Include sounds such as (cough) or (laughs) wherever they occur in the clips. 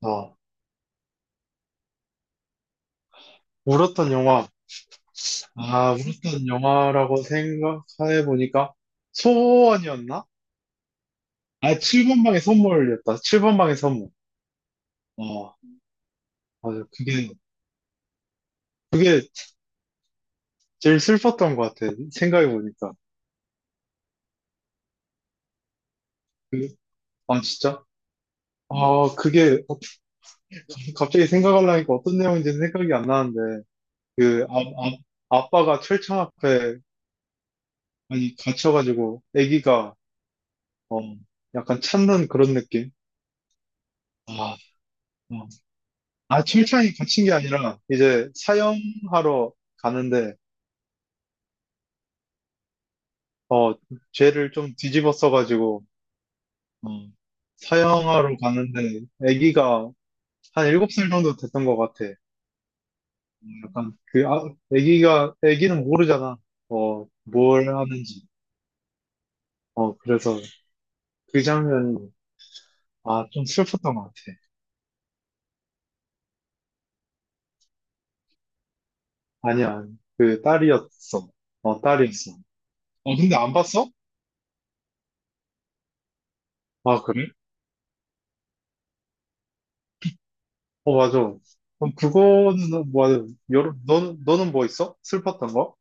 어, 울었던 영화. 아, 울었던 영화라고 생각해 보니까 소원이었나? 아, 7번방의 선물이었다. 7번방의 선물. 어, 맞아. 그게 제일 슬펐던 것 같아. 생각해 보니까. 그, 아, 진짜? 아, 그게 갑자기 생각하려니까 어떤 내용인지는 생각이 안 나는데, 그, 아, 아, 아빠가 철창 앞에 많이 갇혀가지고, 아기가, 어, 약간 찾는 그런 느낌? 아, 어, 아, 칭찬이 갇힌 게 아니라, 이제 사형하러 가는데, 어, 죄를 좀 뒤집어 써가지고, 어, 사형하러 가는데, 아기가 한 일곱 살 정도 됐던 것 같아. 어, 약간, 그, 아, 아기가, 아기는 모르잖아. 어, 뭘 하는지. 어, 그래서 그 장면이, 아, 좀 슬펐던 것 같아. 아니야, 그 딸이었어. 어, 딸이었어. 어, 근데 안 봤어? 아, 그래? 어, 맞아. 그럼 그거는, 뭐, 여러, 너는 뭐 있어? 슬펐던 거?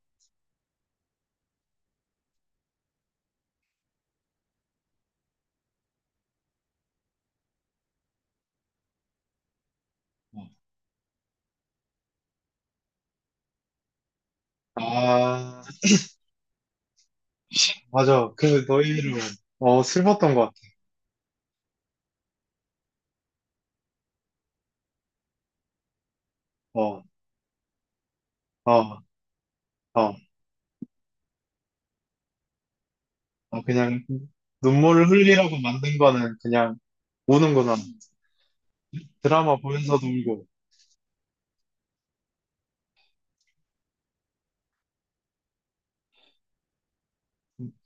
어. 아, 맞아. 그, 너희는, 어, 슬펐던 것 같아. 어, 어, 어. 어, 그냥, 눈물을 흘리라고 만든 거는 그냥 우는구나. 드라마 보면서도 울고,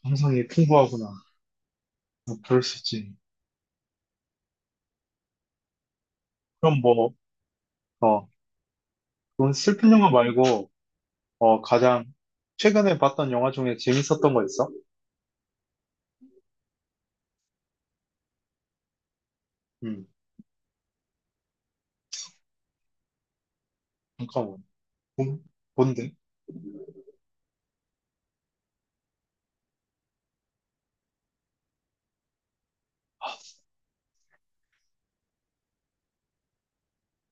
감성이 풍부하구나. 어, 그럴 수 있지. 그럼 뭐, 어, 그럼 슬픈 영화 말고, 어, 가장, 최근에 봤던 영화 중에 재밌었던 거 있어? 음, 잠깐만. 뭔, 뭔데?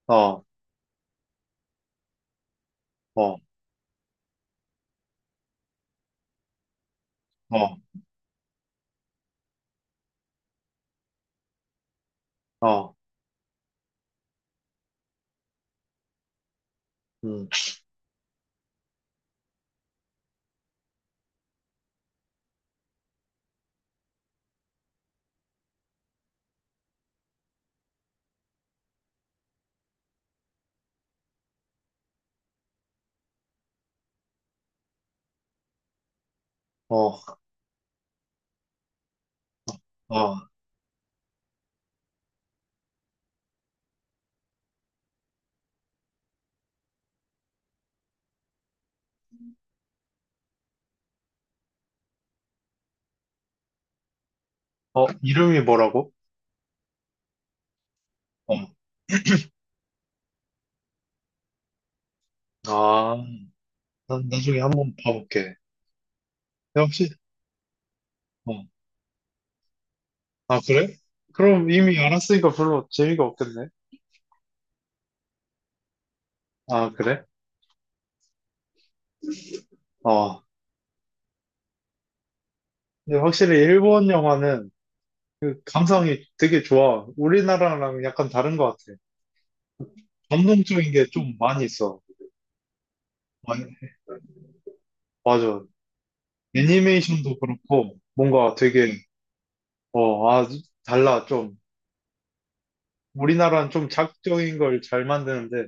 어, 어, 어, 어. 음, 어, 어, 어, 이름이 뭐라고? 어, 아, 나중에 한번 봐볼게. 역시, 어, 아, 그래? 그럼 이미 알았으니까 별로 재미가 없겠네. 아, 그래? 어, 근데 확실히 일본 영화는 그 감성이 되게 좋아. 우리나라랑 약간 다른 것 같아. 감동적인 게 좀 많이 있어. 아, 맞아. 애니메이션도 그렇고, 뭔가 되게, 어, 아, 달라, 좀. 우리나라는 좀 자극적인 걸 잘 만드는데,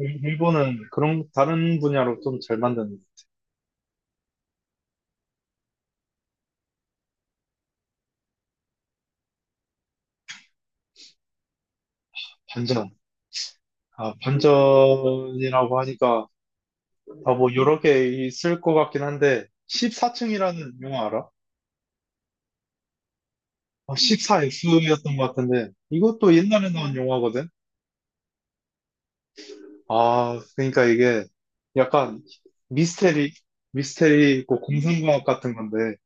일본은 그런 다른 분야로 좀 잘 만드는. 반전. 아, 반전이라고 하니까 아, 뭐 여러 개 있을 것 같긴 한데 14층이라는 영화 알아? 아, 14X였던 것 같은데 이것도 옛날에 나온 영화거든. 아, 그러니까 이게 약간 미스테리, 미스테리 있고 공상과학 같은 건데.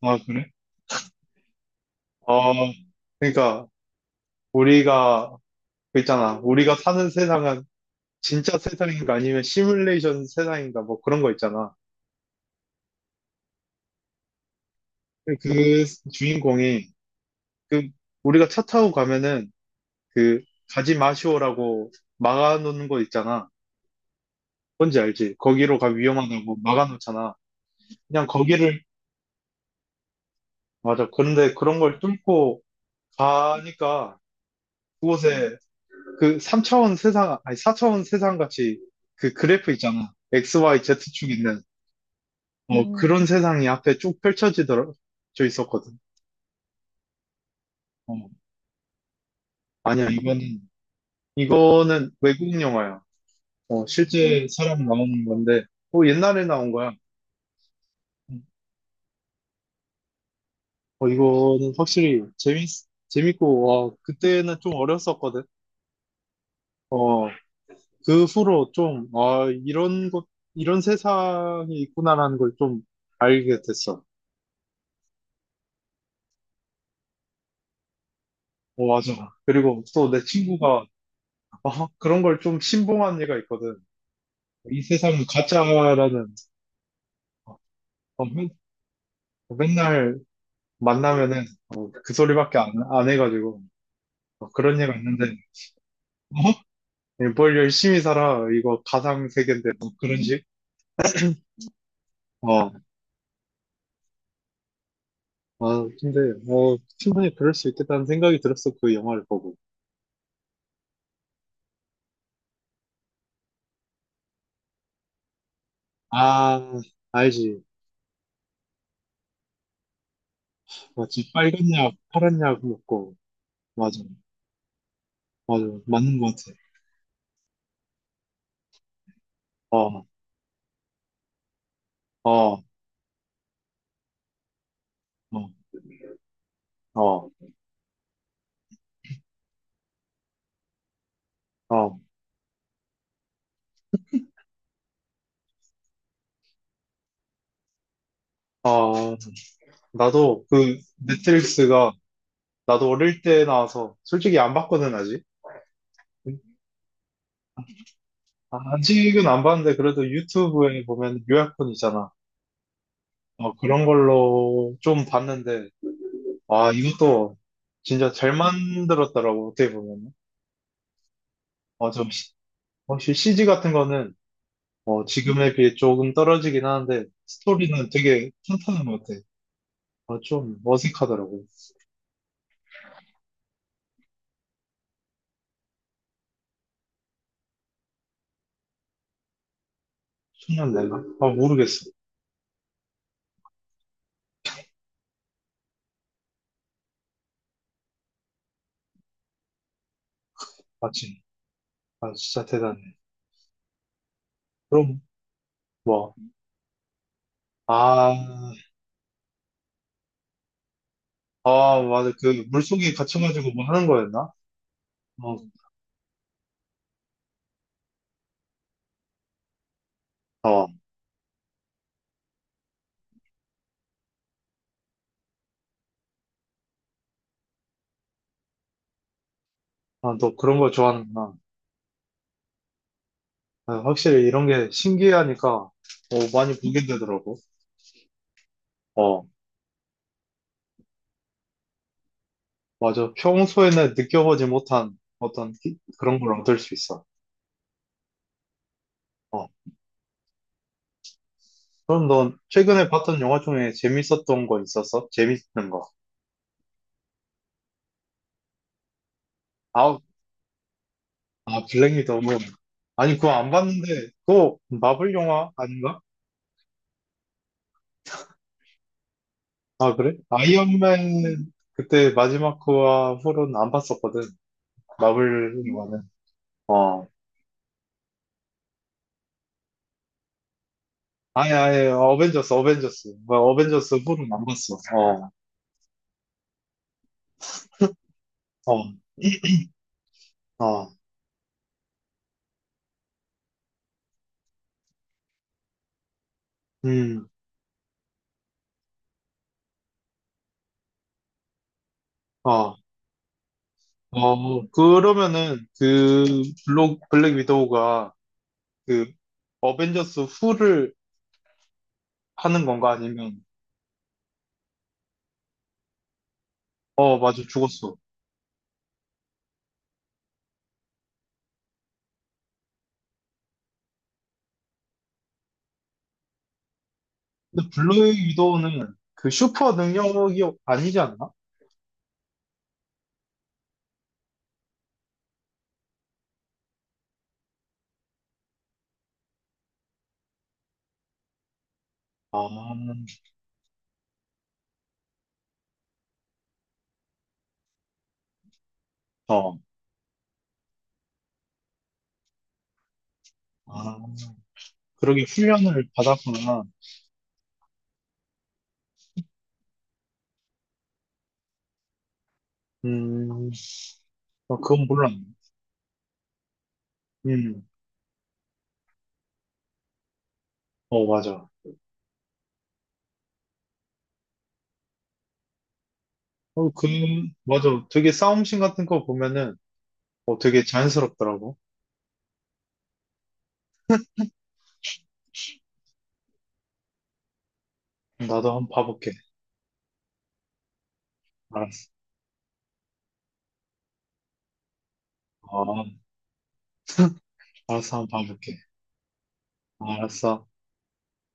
아, 그래? 어, 그러니까 우리가 그 있잖아. 우리가 사는 세상은 진짜 세상인가 아니면 시뮬레이션 세상인가 뭐 그런 거 있잖아. 그 주인공이 그 우리가 차 타고 가면은 그 가지 마시오라고 막아놓는 거 있잖아. 뭔지 알지? 거기로 가 위험하다고 막아놓잖아. 그냥 거기를 맞아. 그런데 그런 걸 뚫고 가니까 그곳에 그 3차원 세상 아니 4차원 세상 같이 그 그래프 있잖아. X, Y, Z 축 있는 어 그런 세상이 앞에 쭉 펼쳐지더라 져 있었거든. 어, 아니야 이거는 외국 영화야. 어, 실제 사람 나오는 건데, 어, 옛날에 나온 거야. 어, 이거는 확실히 재밌고, 와, 그때는 좀 어렸었거든. 어, 그 후로 좀, 아, 이런 것, 이런 세상이 있구나라는 걸 좀 알게 됐어. 어, 맞아. 그리고 또 내 친구가, 어, 그런 걸 좀 신봉한 애가 있거든. 이 세상은 가짜라는, 어, 어, 맨날 만나면은, 어, 그 소리밖에 안 해가지고, 어, 그런 애가 있는데, (laughs) 예, 뭘 열심히 살아. 이거 가상 세계인데 뭐 그런 식? 어. 아, 근데 뭐 충분히 그럴 수 있겠다는 생각이 들었어. 그 영화를 보고. 아, 알지. 맞지. 빨간 약, 파란 약 먹고. 맞아. 맞아. 맞는 것 같아. 어, 어, 어, 어, 어. 어, 나도 그 넷플릭스가 나도 어릴 때 나와서 솔직히 안 봤거든, 아직. 아, 아직은 안 봤는데 그래도 유튜브에 보면 요약본 있잖아. 어, 그런 걸로 좀 봤는데 아, 이것도 진짜 잘 만들었더라고, 어떻게 보면. 어, 좀, 확실히 CG 같은 거는, 어, 지금에 비해 조금 떨어지긴 하는데, 스토리는 되게 탄탄한 것 같아. 어, 좀 어색하더라고. 청년 내가? 아, 모르겠어. 마침. 아, 진짜 대단해. 그럼, 뭐, 아, 아, 맞아. 그, 물속에 갇혀가지고 뭐 하는 거였나? 어, 어. 아, 너 그런 거 좋아하는구나. 아, 확실히 이런 게 신기하니까, 어, 많이 보게 되더라고. 어, 맞아. 평소에는 느껴보지 못한 어떤 그런 걸 얻을 수 있어. 어. 그럼 넌 최근에 봤던 영화 중에 재밌었던 거 있었어? 재밌는 거. 아, 아, 블랙 위도우. 아니, 그거 안 봤는데, 그거 마블 영화 아닌가? 아, 그래? 아이언맨 그때 마지막 그와 후로는 안 봤었거든. 마블 영화는. 어. 아니, 아니, 어벤져스. 뭐, 어벤져스 후로는 안 봤어. 어, 어, 어, 음, 어. 어, 그러면은 그 블랙 위도우가 그 어벤져스 후를 하는 건가? 아니면 어, 맞아, 죽었어. 근데 블랙 위도우는 그 슈퍼 능력이 아니지 않나? 아, 어, 아, 그러게 훈련을 받았구나. 음, 어, 그건 몰랐네. 음, 어, 맞아. 어, 그, 맞아. 되게 싸움씬 같은 거 보면은 어, 되게 자연스럽더라고. 나도 한 번 봐볼게. 알았어. 어, 알았어, 한 번 봐볼게. 알았어.